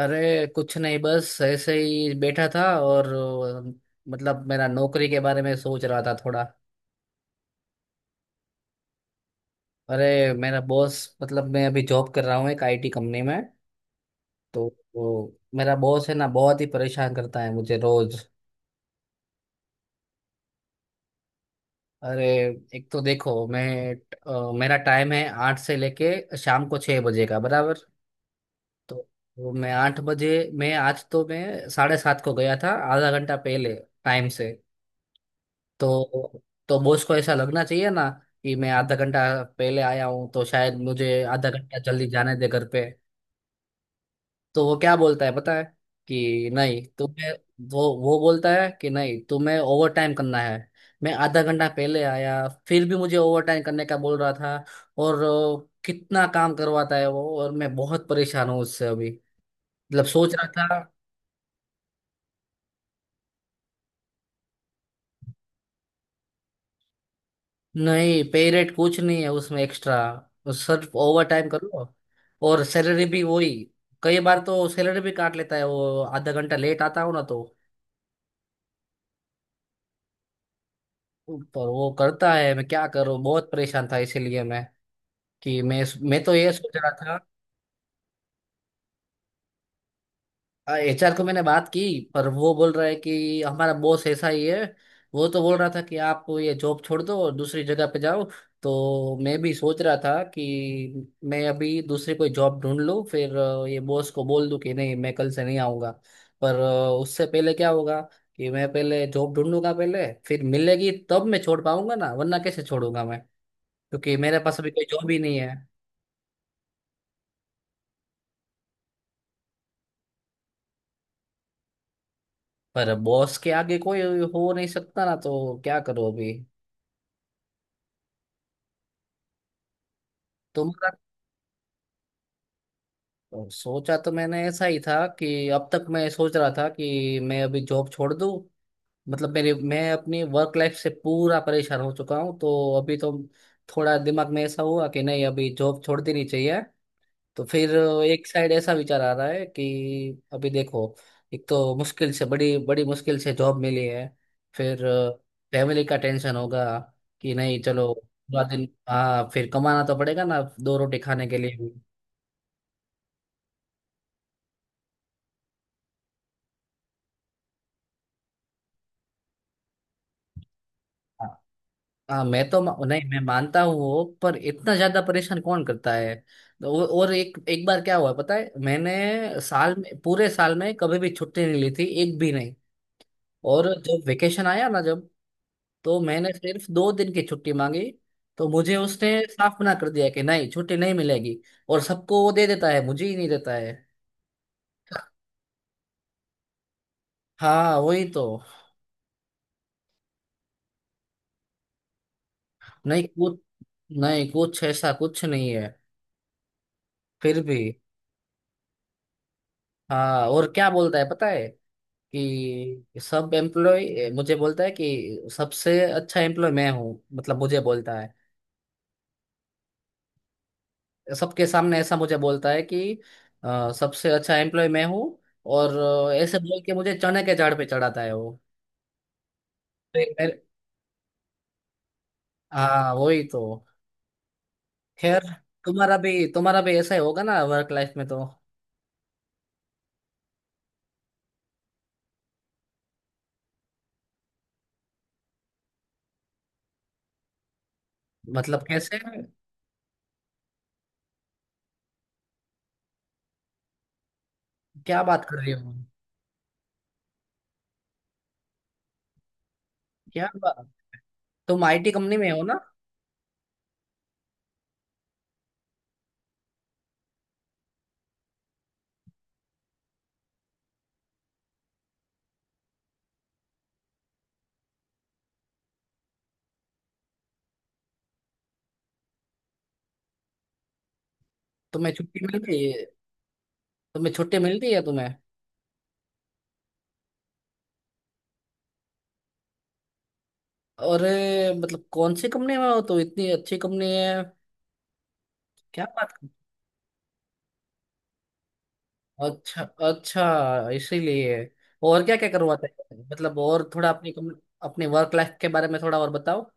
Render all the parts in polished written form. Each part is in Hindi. अरे कुछ नहीं, बस ऐसे ही बैठा था और मतलब मेरा नौकरी के बारे में सोच रहा था थोड़ा। अरे, मेरा बॉस, मतलब मैं अभी जॉब कर रहा हूँ एक आईटी कंपनी में। तो वो मेरा बॉस है ना, बहुत ही परेशान करता है मुझे रोज। अरे, एक तो देखो मैं, मेरा टाइम है 8 से लेके शाम को 6 बजे का बराबर। तो वो मैं 8 बजे, मैं आज तो मैं 7:30 को गया था, आधा घंटा पहले टाइम से। तो तो बॉस को ऐसा लगना चाहिए ना कि मैं आधा घंटा पहले आया हूँ तो शायद मुझे आधा घंटा जल्दी जाने दे घर पे। तो वो क्या बोलता है पता है? कि नहीं तुम्हें, वो बोलता है कि नहीं तुम्हें ओवर टाइम करना है। मैं आधा घंटा पहले आया, फिर भी मुझे ओवर टाइम करने का बोल रहा था। और कितना काम करवाता है वो, और मैं बहुत परेशान हूँ उससे अभी। मतलब सोच रहा था। नहीं, पे रेट कुछ नहीं है उसमें एक्स्ट्रा, सिर्फ ओवर टाइम करो, और सैलरी भी वही। कई बार तो सैलरी भी काट लेता है वो, आधा घंटा लेट आता हूँ ना तो। पर वो करता है, मैं क्या करूँ, बहुत परेशान था इसीलिए मैं, कि मैं, तो ये सोच रहा था। एचआर को मैंने बात की, पर वो बोल रहा है कि हमारा बॉस ऐसा ही है। वो तो बोल रहा था कि आप ये जॉब छोड़ दो और दूसरी जगह पे जाओ। तो मैं भी सोच रहा था कि मैं अभी दूसरी कोई जॉब ढूंढ लूँ, फिर ये बॉस को बोल दूँ कि नहीं मैं कल से नहीं आऊँगा। पर उससे पहले क्या होगा कि मैं पहले जॉब ढूंढूंगा पहले, फिर मिलेगी तब मैं छोड़ पाऊंगा ना, वरना कैसे छोड़ूंगा मैं? क्योंकि मेरे पास अभी कोई जॉब ही नहीं है। पर बॉस के आगे कोई हो नहीं सकता ना, तो क्या करूँ अभी? तुम तो सोचा तो मैंने ऐसा ही था कि अब तक मैं सोच रहा था कि मैं अभी जॉब छोड़ दूं। मतलब मेरे, मैं अपनी वर्क लाइफ से पूरा परेशान हो चुका हूं, तो अभी तो थोड़ा दिमाग में ऐसा हुआ कि नहीं अभी जॉब छोड़ देनी चाहिए। तो फिर एक साइड ऐसा विचार आ रहा है कि अभी देखो, एक तो मुश्किल से, बड़ी बड़ी मुश्किल से जॉब मिली है, फिर फैमिली का टेंशन होगा कि नहीं चलो पूरा दिन, हाँ फिर कमाना तो पड़ेगा ना दो रोटी खाने के लिए भी। हाँ, हाँ मैं तो नहीं, मैं मानता हूँ वो, पर इतना ज्यादा परेशान कौन करता है? और एक एक बार क्या हुआ पता है, मैंने साल में, पूरे साल में कभी भी छुट्टी नहीं ली थी, एक भी नहीं। और जब वेकेशन आया ना, जब, तो मैंने सिर्फ 2 दिन की छुट्टी मांगी। तो मुझे उसने साफ मना कर दिया कि नहीं छुट्टी नहीं मिलेगी। और सबको वो दे देता है, मुझे ही नहीं देता है। हाँ वही तो। नहीं कुछ नहीं कुछ, ऐसा कुछ नहीं है, फिर भी। हाँ, और क्या बोलता है पता है? कि सब एम्प्लॉय मुझे बोलता है कि सबसे अच्छा एम्प्लॉय मैं हूँ, मतलब मुझे बोलता है। सबके सामने ऐसा मुझे बोलता है कि सबसे अच्छा एम्प्लॉय मैं हूँ। और ऐसे बोल के मुझे चने के झाड़ पे चढ़ाता है वो। तो एक मेरे- हाँ वही तो। खैर, तुम्हारा भी, ऐसा ही होगा ना वर्क लाइफ में तो। मतलब कैसे? क्या बात कर रही हो? क्या बात, तुम आईटी कंपनी में हो ना? तुम्हें छुट्टी मिलती है तुम्हें छुट्टी मिलती है तुम्हें? अरे, मतलब कौन सी कंपनी में हो तो इतनी अच्छी कंपनी है? क्या बात कर। अच्छा, अच्छा इसीलिए। और क्या क्या करवाते हैं, मतलब, और थोड़ा अपनी अपनी वर्क लाइफ के बारे में थोड़ा और बताओ।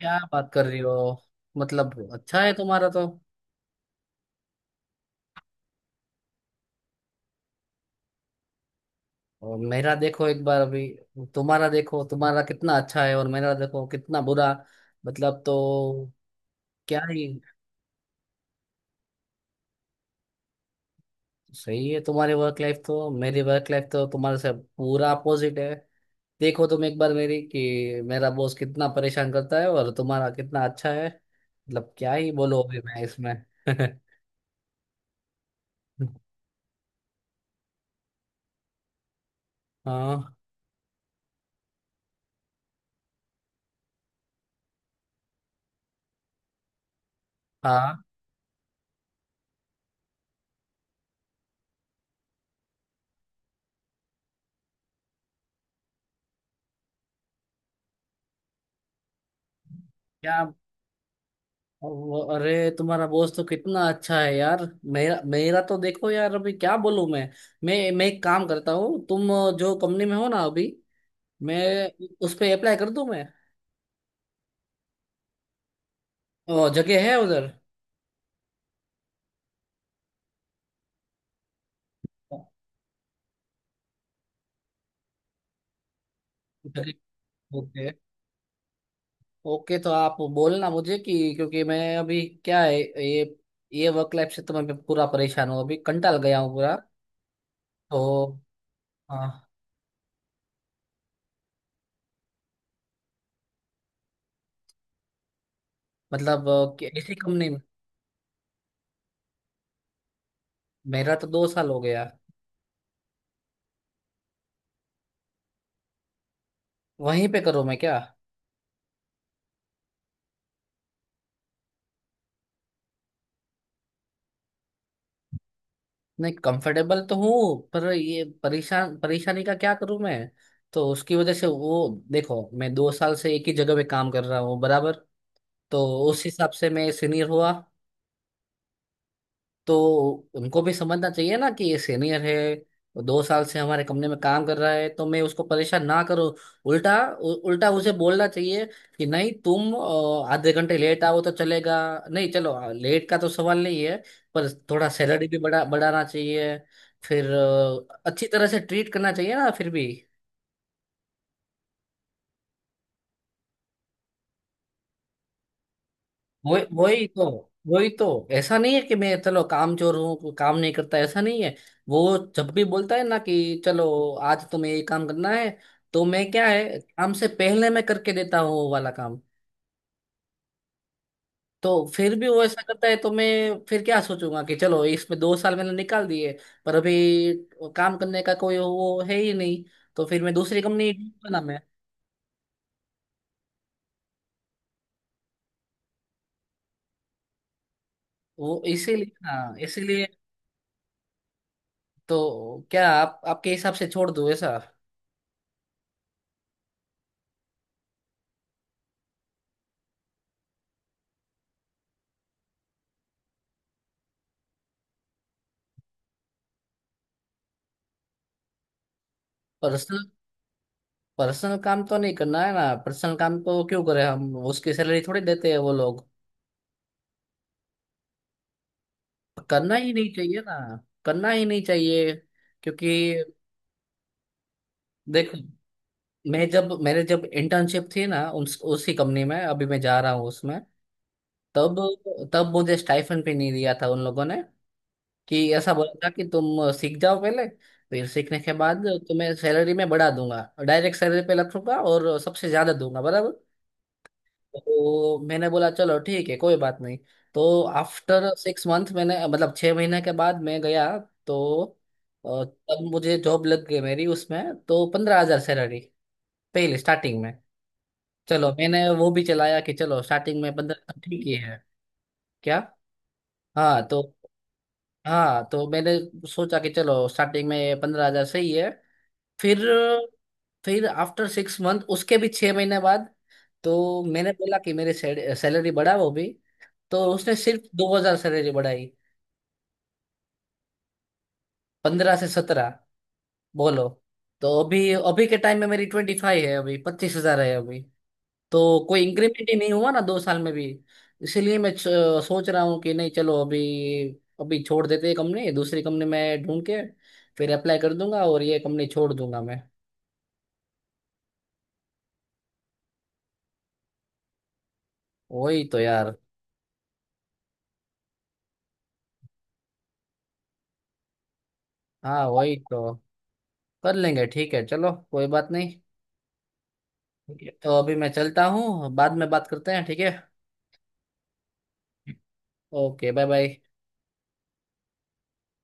क्या बात कर रही हो? मतलब अच्छा है तुम्हारा तो। और मेरा देखो एक बार अभी, तुम्हारा देखो तुम्हारा कितना अच्छा है और मेरा देखो कितना बुरा, मतलब तो क्या ही। सही है तुम्हारी वर्क लाइफ तो, मेरी वर्क लाइफ तो तुम्हारे से पूरा अपोजिट है। देखो तुम एक बार मेरी, कि मेरा बॉस कितना परेशान करता है और तुम्हारा कितना अच्छा है, मतलब क्या ही बोलो अभी मैं इसमें। हाँ, हाँ क्या? वो, अरे तुम्हारा बॉस तो कितना अच्छा है यार। मेरा मेरा तो देखो यार, अभी क्या बोलूं मैं? मैं एक काम करता हूँ, तुम जो कंपनी में हो ना अभी, मैं उस पे अप्लाई कर दूं मैं? जगह है उधर? जगह, ओके। ओके, तो आप बोलना मुझे, कि क्योंकि मैं अभी क्या है, ये, वर्क लाइफ से तो मैं पूरा परेशान हूँ अभी, कंटाल गया हूँ पूरा। तो हाँ। मतलब कि ऐसी कंपनी में, मेरा तो 2 साल हो गया। वहीं पे करूँ मैं क्या? नहीं, कंफर्टेबल तो हूँ पर ये परेशान, परेशानी का क्या करूँ मैं? तो उसकी वजह से वो, देखो मैं 2 साल से एक ही जगह पे काम कर रहा हूँ बराबर। तो उस हिसाब से मैं सीनियर हुआ। तो उनको भी समझना चाहिए ना कि ये सीनियर है, वो 2 साल से हमारे कंपनी में काम कर रहा है तो मैं उसको परेशान ना करूं। उल्टा, उल्टा उसे बोलना चाहिए कि नहीं तुम आधे घंटे लेट आओ तो चलेगा। नहीं, चलो लेट का तो सवाल नहीं है, पर थोड़ा सैलरी भी बढ़ाना चाहिए। फिर अच्छी तरह से ट्रीट करना चाहिए ना फिर भी। वो वही तो, वही तो। ऐसा नहीं है कि मैं, चलो काम चोर हूँ, काम नहीं करता, ऐसा नहीं है। वो जब भी बोलता है ना कि चलो आज तुम्हें ये काम करना है, तो मैं क्या है, काम से पहले मैं करके देता हूँ वो वाला काम। तो फिर भी वो ऐसा करता है, तो मैं फिर क्या सोचूंगा कि चलो इसमें 2 साल मैंने निकाल दिए। पर अभी काम करने का कोई वो है ही नहीं, तो फिर मैं दूसरी कंपनी ढूंढूंगा ना मैं। वो इसीलिए, हाँ इसीलिए। तो क्या आप, आपके हिसाब से छोड़ दूं ऐसा? पर पर्सनल काम तो नहीं करना है ना, पर्सनल काम को क्यों करें हम, उसकी सैलरी थोड़ी देते हैं वो लोग। करना ही नहीं चाहिए ना, करना ही नहीं चाहिए। क्योंकि देखो, मैं जब, मेरे जब इंटर्नशिप थी ना, उसी कंपनी में अभी मैं जा रहा हूँ उसमें, तब, मुझे स्टाइफन भी नहीं दिया था उन लोगों ने। कि ऐसा बोला था कि तुम सीख जाओ पहले, फिर सीखने के बाद तुम्हें सैलरी में बढ़ा दूंगा, डायरेक्ट सैलरी पे रखूंगा और सबसे ज्यादा दूंगा बराबर। तो मैंने बोला चलो ठीक है, कोई बात नहीं। तो आफ्टर सिक्स मंथ मैंने, मतलब 6 महीने के बाद मैं गया। तो तब मुझे जॉब लग गई मेरी, उसमें तो 15,000 सैलरी पहले स्टार्टिंग में। चलो मैंने वो भी चलाया कि चलो स्टार्टिंग में 15 ठीक ही है। क्या? हाँ तो, हाँ तो मैंने सोचा कि चलो स्टार्टिंग में 15,000 सही है। फिर, आफ्टर सिक्स मंथ, उसके भी 6 महीने बाद तो मैंने बोला कि मेरी सैलरी बढ़ाओ भी। तो उसने सिर्फ 2000 से रेंज बढ़ाई, 15 से 17 बोलो। तो अभी, अभी के टाइम में मेरी 25 है अभी, 25,000 है अभी, तो कोई इंक्रीमेंट ही नहीं हुआ ना 2 साल में भी। इसीलिए मैं सोच रहा हूँ कि नहीं, चलो अभी, अभी छोड़ देते हैं कंपनी, दूसरी कंपनी में ढूंढ के फिर अप्लाई कर दूंगा और ये कंपनी छोड़ दूंगा मैं। वही तो यार। हाँ वही तो, कर लेंगे, ठीक है चलो कोई बात नहीं। ठीक है। तो अभी मैं चलता हूँ, बाद में बात करते हैं, ठीक है? Okay, bye bye.